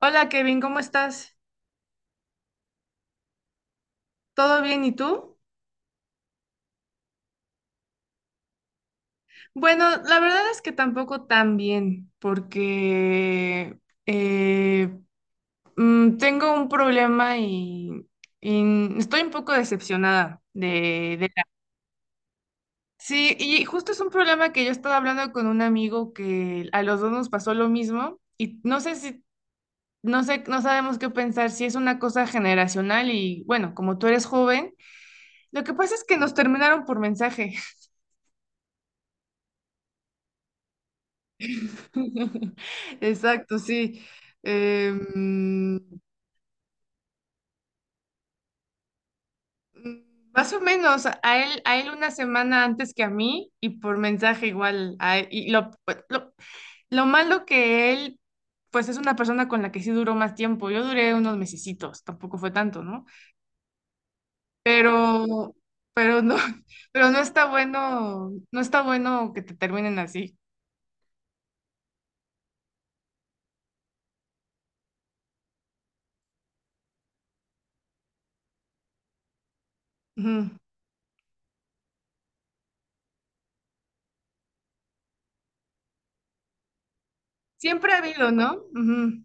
Hola Kevin, ¿cómo estás? ¿Todo bien y tú? Bueno, la verdad es que tampoco tan bien, porque eh, tengo un problema y estoy un poco decepcionada. Sí, y justo es un problema que yo estaba hablando con un amigo que a los dos nos pasó lo mismo y no sé si, no sé, no sabemos qué pensar, si es una cosa generacional y bueno, como tú eres joven, lo que pasa es que nos terminaron por mensaje. Exacto, sí. Em, mm, más o menos, a él una semana antes que a mí y por mensaje igual. A él. Y lo malo que él, pues es una persona con la que sí duró más tiempo. Yo duré unos mesecitos, tampoco fue tanto, ¿no? Pero, pero no, pero no está bueno, no está bueno que te terminen así. Ujú. Siempre ha habido, ¿no? Ujú.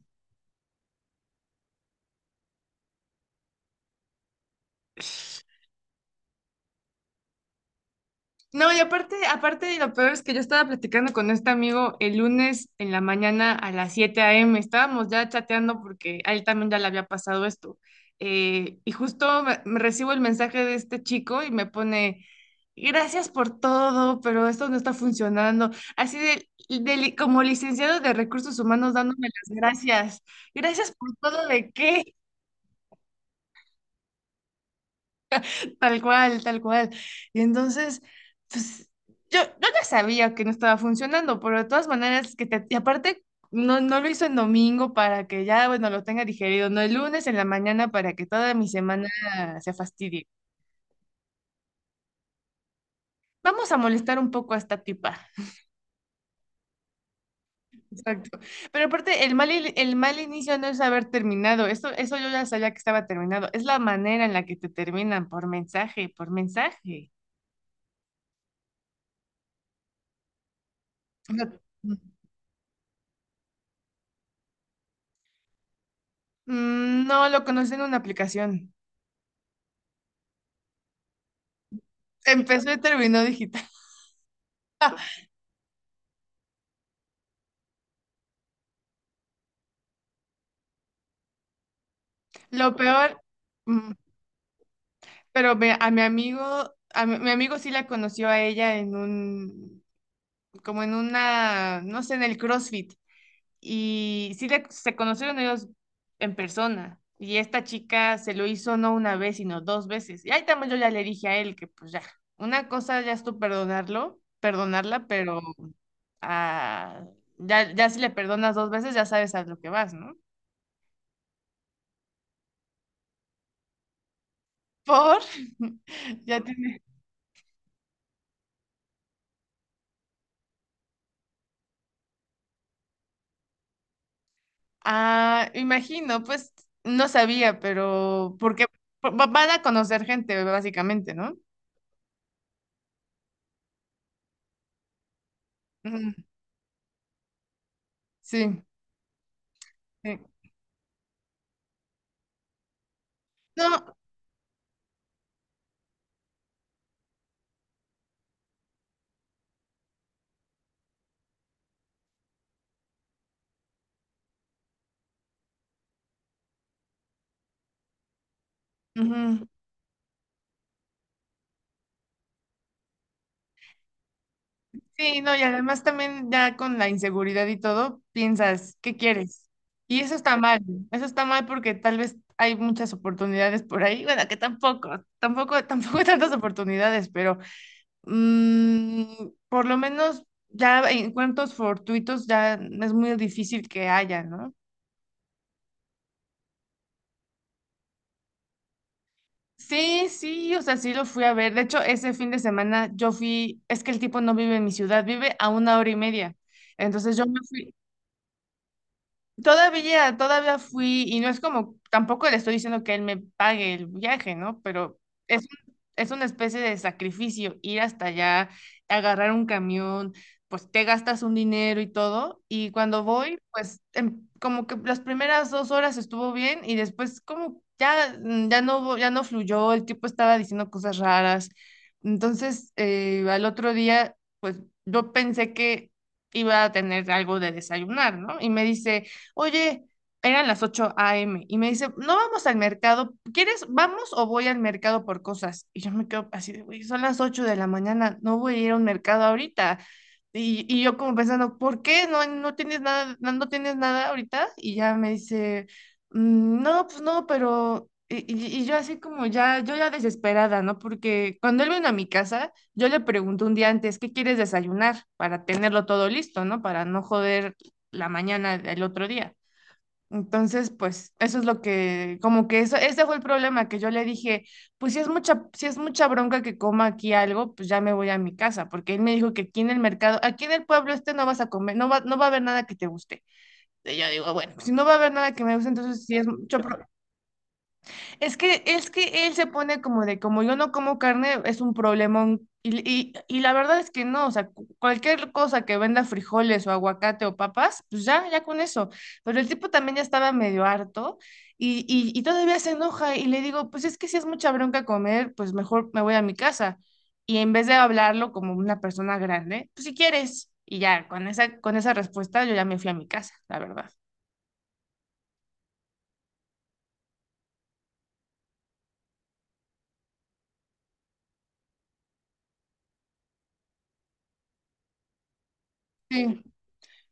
No, y aparte, aparte, lo peor es que yo estaba platicando con este amigo el lunes en la mañana a las 7 a.m. Estábamos ya chateando porque a él también ya le había pasado esto. Y justo me recibo el mensaje de este chico y me pone, gracias por todo, pero esto no está funcionando. Así de, como licenciado de recursos humanos dándome las gracias. Gracias por todo, ¿de qué? Tal cual, tal cual. Y entonces, pues yo ya sabía que no estaba funcionando, pero de todas maneras, y aparte, no, no lo hizo en domingo para que ya, bueno, lo tenga digerido, no el lunes en la mañana para que toda mi semana se fastidie. Vamos a molestar un poco a esta tipa. Exacto. Pero aparte, el mal inicio no es haber terminado. Eso yo ya sabía que estaba terminado. Es la manera en la que te terminan por mensaje, por mensaje. O sea, no, lo conocí en una aplicación. Empezó y terminó digital. Lo peor, mm, pero me- a mi amigo, a mi, mi amigo sí la conoció a ella en un, como en una, no sé, en el CrossFit. Y se conocieron ellos en persona. Y esta chica se lo hizo no una vez, sino dos veces. Y ahí también yo ya le dije a él que pues ya, una cosa ya es tú perdonarlo, perdonarla, pero ah, ya, ya si le perdonas dos veces ya sabes a lo que vas, ¿no? Por, ya. Ah, imagino, pues no sabía, pero porque van a conocer gente, básicamente, ¿no? Ujú. Sí, sí. No. Ujú. Sí, no, y además también ya con la inseguridad y todo, piensas, ¿qué quieres? Y eso está mal porque tal vez hay muchas oportunidades por ahí, bueno, que tampoco, tampoco, tampoco hay tantas oportunidades, pero por lo menos ya encuentros fortuitos ya es muy difícil que haya, ¿no? Sí, sí, o sea, sí lo fui a ver. De hecho, ese fin de semana yo fui, es que el tipo no vive en mi ciudad, vive a una hora y media. Entonces yo me fui. Todavía, todavía fui, y no es como, tampoco le estoy diciendo que él me pague el viaje, ¿no? Pero es una especie de sacrificio ir hasta allá, agarrar un camión, pues te gastas un dinero y todo, y cuando voy, pues como que las primeras 2 horas estuvo bien y después como ya, ya no, ya no fluyó, el tipo estaba diciendo cosas raras. Entonces, al otro día, pues yo pensé que iba a tener algo de desayunar, ¿no? Y me dice, oye, eran las 8 a.m. y me dice, no, vamos al mercado, ¿quieres, vamos o voy al mercado por cosas? Y yo me quedo así de, "Güey, son las 8 de la mañana, no voy a ir a un mercado ahorita". Y yo como pensando, ¿por qué? No, no tienes nada, no, no tienes nada ahorita. Y ya me dice, "Mm, no, pues no, pero...". Y yo así como ya, yo ya desesperada, ¿no? Porque cuando él vino a mi casa, yo le pregunto un día antes, ¿qué quieres desayunar? Para tenerlo todo listo, ¿no? Para no joder la mañana del otro día. Entonces, pues eso es lo que, como que eso, ese fue el problema que yo le dije, pues si es mucha bronca que coma aquí algo, pues ya me voy a mi casa, porque él me dijo que aquí en el mercado, aquí en el pueblo este no vas a comer, no va a haber nada que te guste. Y yo digo, bueno, si no va a haber nada que me guste, entonces si es mucho, es que él se pone como de, como yo no como carne, es un problemón. Y la verdad es que no, o sea, cualquier cosa que venda frijoles o aguacate o papas, pues ya, ya con eso. Pero el tipo también ya estaba medio harto y, y todavía se enoja y le digo, pues es que si es mucha bronca comer, pues mejor me voy a mi casa. Y en vez de hablarlo como una persona grande, pues si quieres. Y ya, con esa respuesta yo ya me fui a mi casa, la verdad.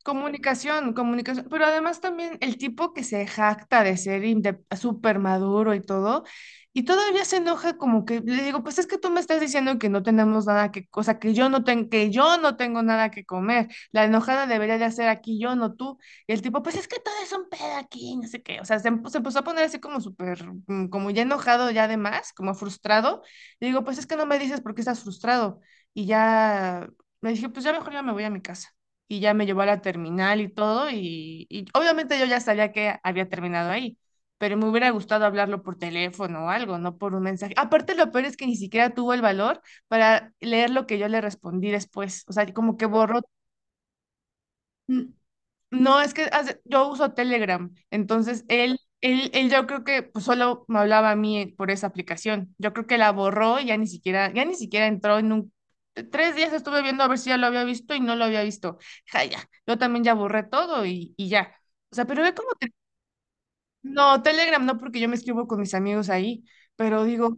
Comunicación, comunicación, pero además también el tipo que se jacta de ser súper maduro y todo, y todavía se enoja como que le digo, pues es que tú me estás diciendo que no tenemos nada que, o sea, que yo no tengo nada que comer, la enojada debería de hacer aquí yo, no tú, y el tipo, pues es que todo es un pedo aquí, no sé qué, o sea, se empezó a poner así como súper, como ya enojado ya además, como frustrado, le digo, pues es que no me dices por qué estás frustrado, y ya me dije, pues ya mejor ya me voy a mi casa y ya me llevó a la terminal y todo, y, obviamente yo ya sabía que había terminado ahí, pero me hubiera gustado hablarlo por teléfono o algo, no por un mensaje. Aparte, lo peor es que ni siquiera tuvo el valor para leer lo que yo le respondí después, o sea, como que borró. mm, no, es que yo uso Telegram, entonces él yo creo que pues, solo me hablaba a mí, por esa aplicación. Yo creo que la borró y ya ni siquiera entró en un... 3 días estuve viendo a ver si ya lo había visto y no lo había visto. Ja, ya, yo también ya borré todo y, ya. O sea, pero ve cómo... No, Telegram no, porque yo me escribo con mis amigos ahí, pero digo,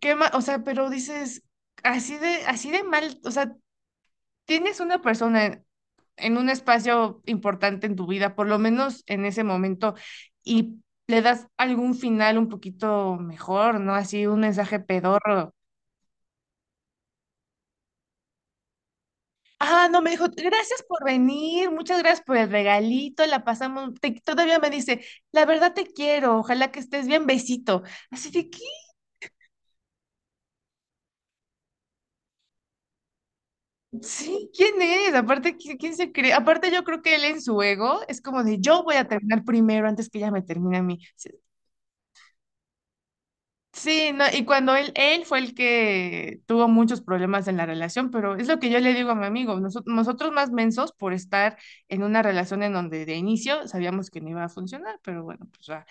O sea, pero dices, así de mal, o sea, tienes una persona en un espacio importante en tu vida, por lo menos en ese momento, y le das algún final un poquito mejor, ¿no? Así un mensaje pedorro. Ah, no, me dijo, gracias por venir, muchas gracias por el regalito, la pasamos, todavía me dice, la verdad te quiero, ojalá que estés bien, besito. Así de, ¿qué? Sí, ¿quién es? Aparte, ¿quién se cree? Aparte, yo creo que él en su ego es como de, yo voy a terminar primero antes que ella me termine a mí. Sí, no, y cuando él fue el que tuvo muchos problemas en la relación, pero es lo que yo le digo a mi amigo, nosotros más mensos por estar en una relación en donde de inicio sabíamos que no iba a funcionar, pero bueno, pues ya.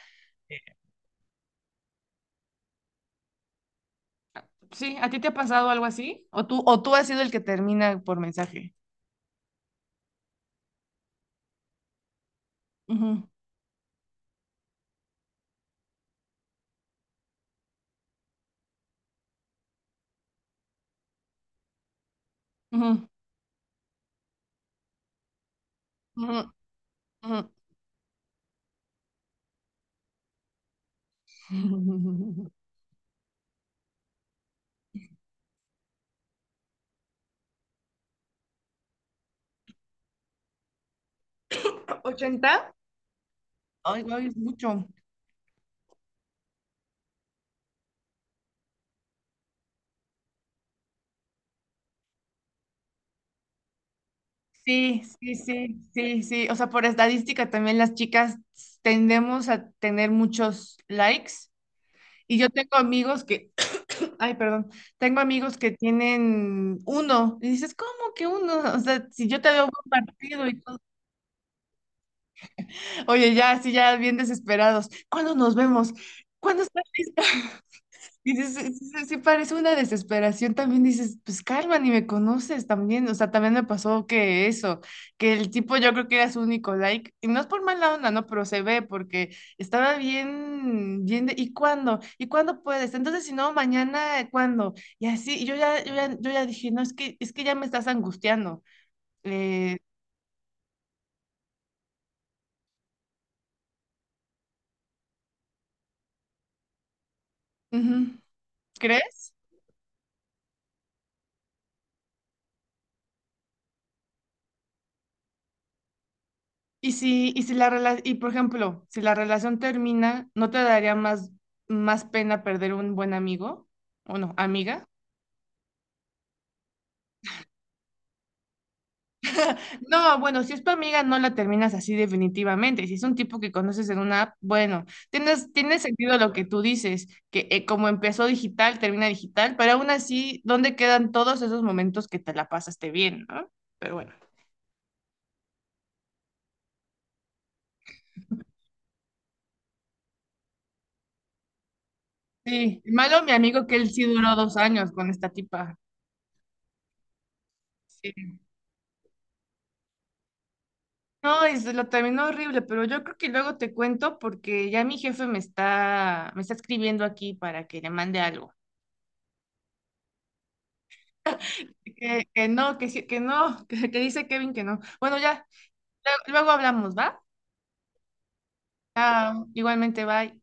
Sí, ¿a ti te ha pasado algo así? O tú has sido el que termina por mensaje? Ujú, ujú, ujú, ujú. ¿80? Ay, guau, es mucho. Sí, sí, sí, sí, sí. O sea, por estadística también las chicas tendemos a tener muchos likes. Y yo tengo amigos que, ay, perdón, tengo amigos que tienen uno. Y dices, ¿cómo que uno? O sea, si yo te veo un partido y todo. Oye, ya, sí, ya bien desesperados. ¿Cuándo nos vemos? ¿Cuándo estás lista? Y dices, sí, sí, sí, parece una desesperación, también dices, pues calma, ni me conoces también, o sea, también me pasó que eso, que el tipo yo creo que era su único like, y no es por mala onda, no, pero se ve porque estaba bien, bien, de, ¿y cuándo? ¿Y cuándo puedes? Entonces, si no, mañana, ¿cuándo? Y así, y yo ya dije, no, es que ya me estás angustiando. Eh, ujú. ¿Crees? Y si, y si y por ejemplo, si la relación termina, ¿no te daría más, más pena perder un buen amigo? ¿O no, amiga? No, bueno, si es tu amiga, no la terminas así definitivamente. Si es un tipo que conoces en una app, bueno, tienes, tiene sentido lo que tú dices, que como empezó digital, termina digital, pero aún así, ¿dónde quedan todos esos momentos que te la pasaste bien, ¿no? Pero bueno. Sí, malo mi amigo que él sí duró 2 años con esta tipa. Sí. No, y se lo terminó horrible, pero yo creo que luego te cuento porque ya mi jefe me está escribiendo aquí para que le mande algo. Que no, que sí, que no, que, dice Kevin que no. Bueno, ya, luego luego hablamos, ¿va? Chao, igualmente, bye.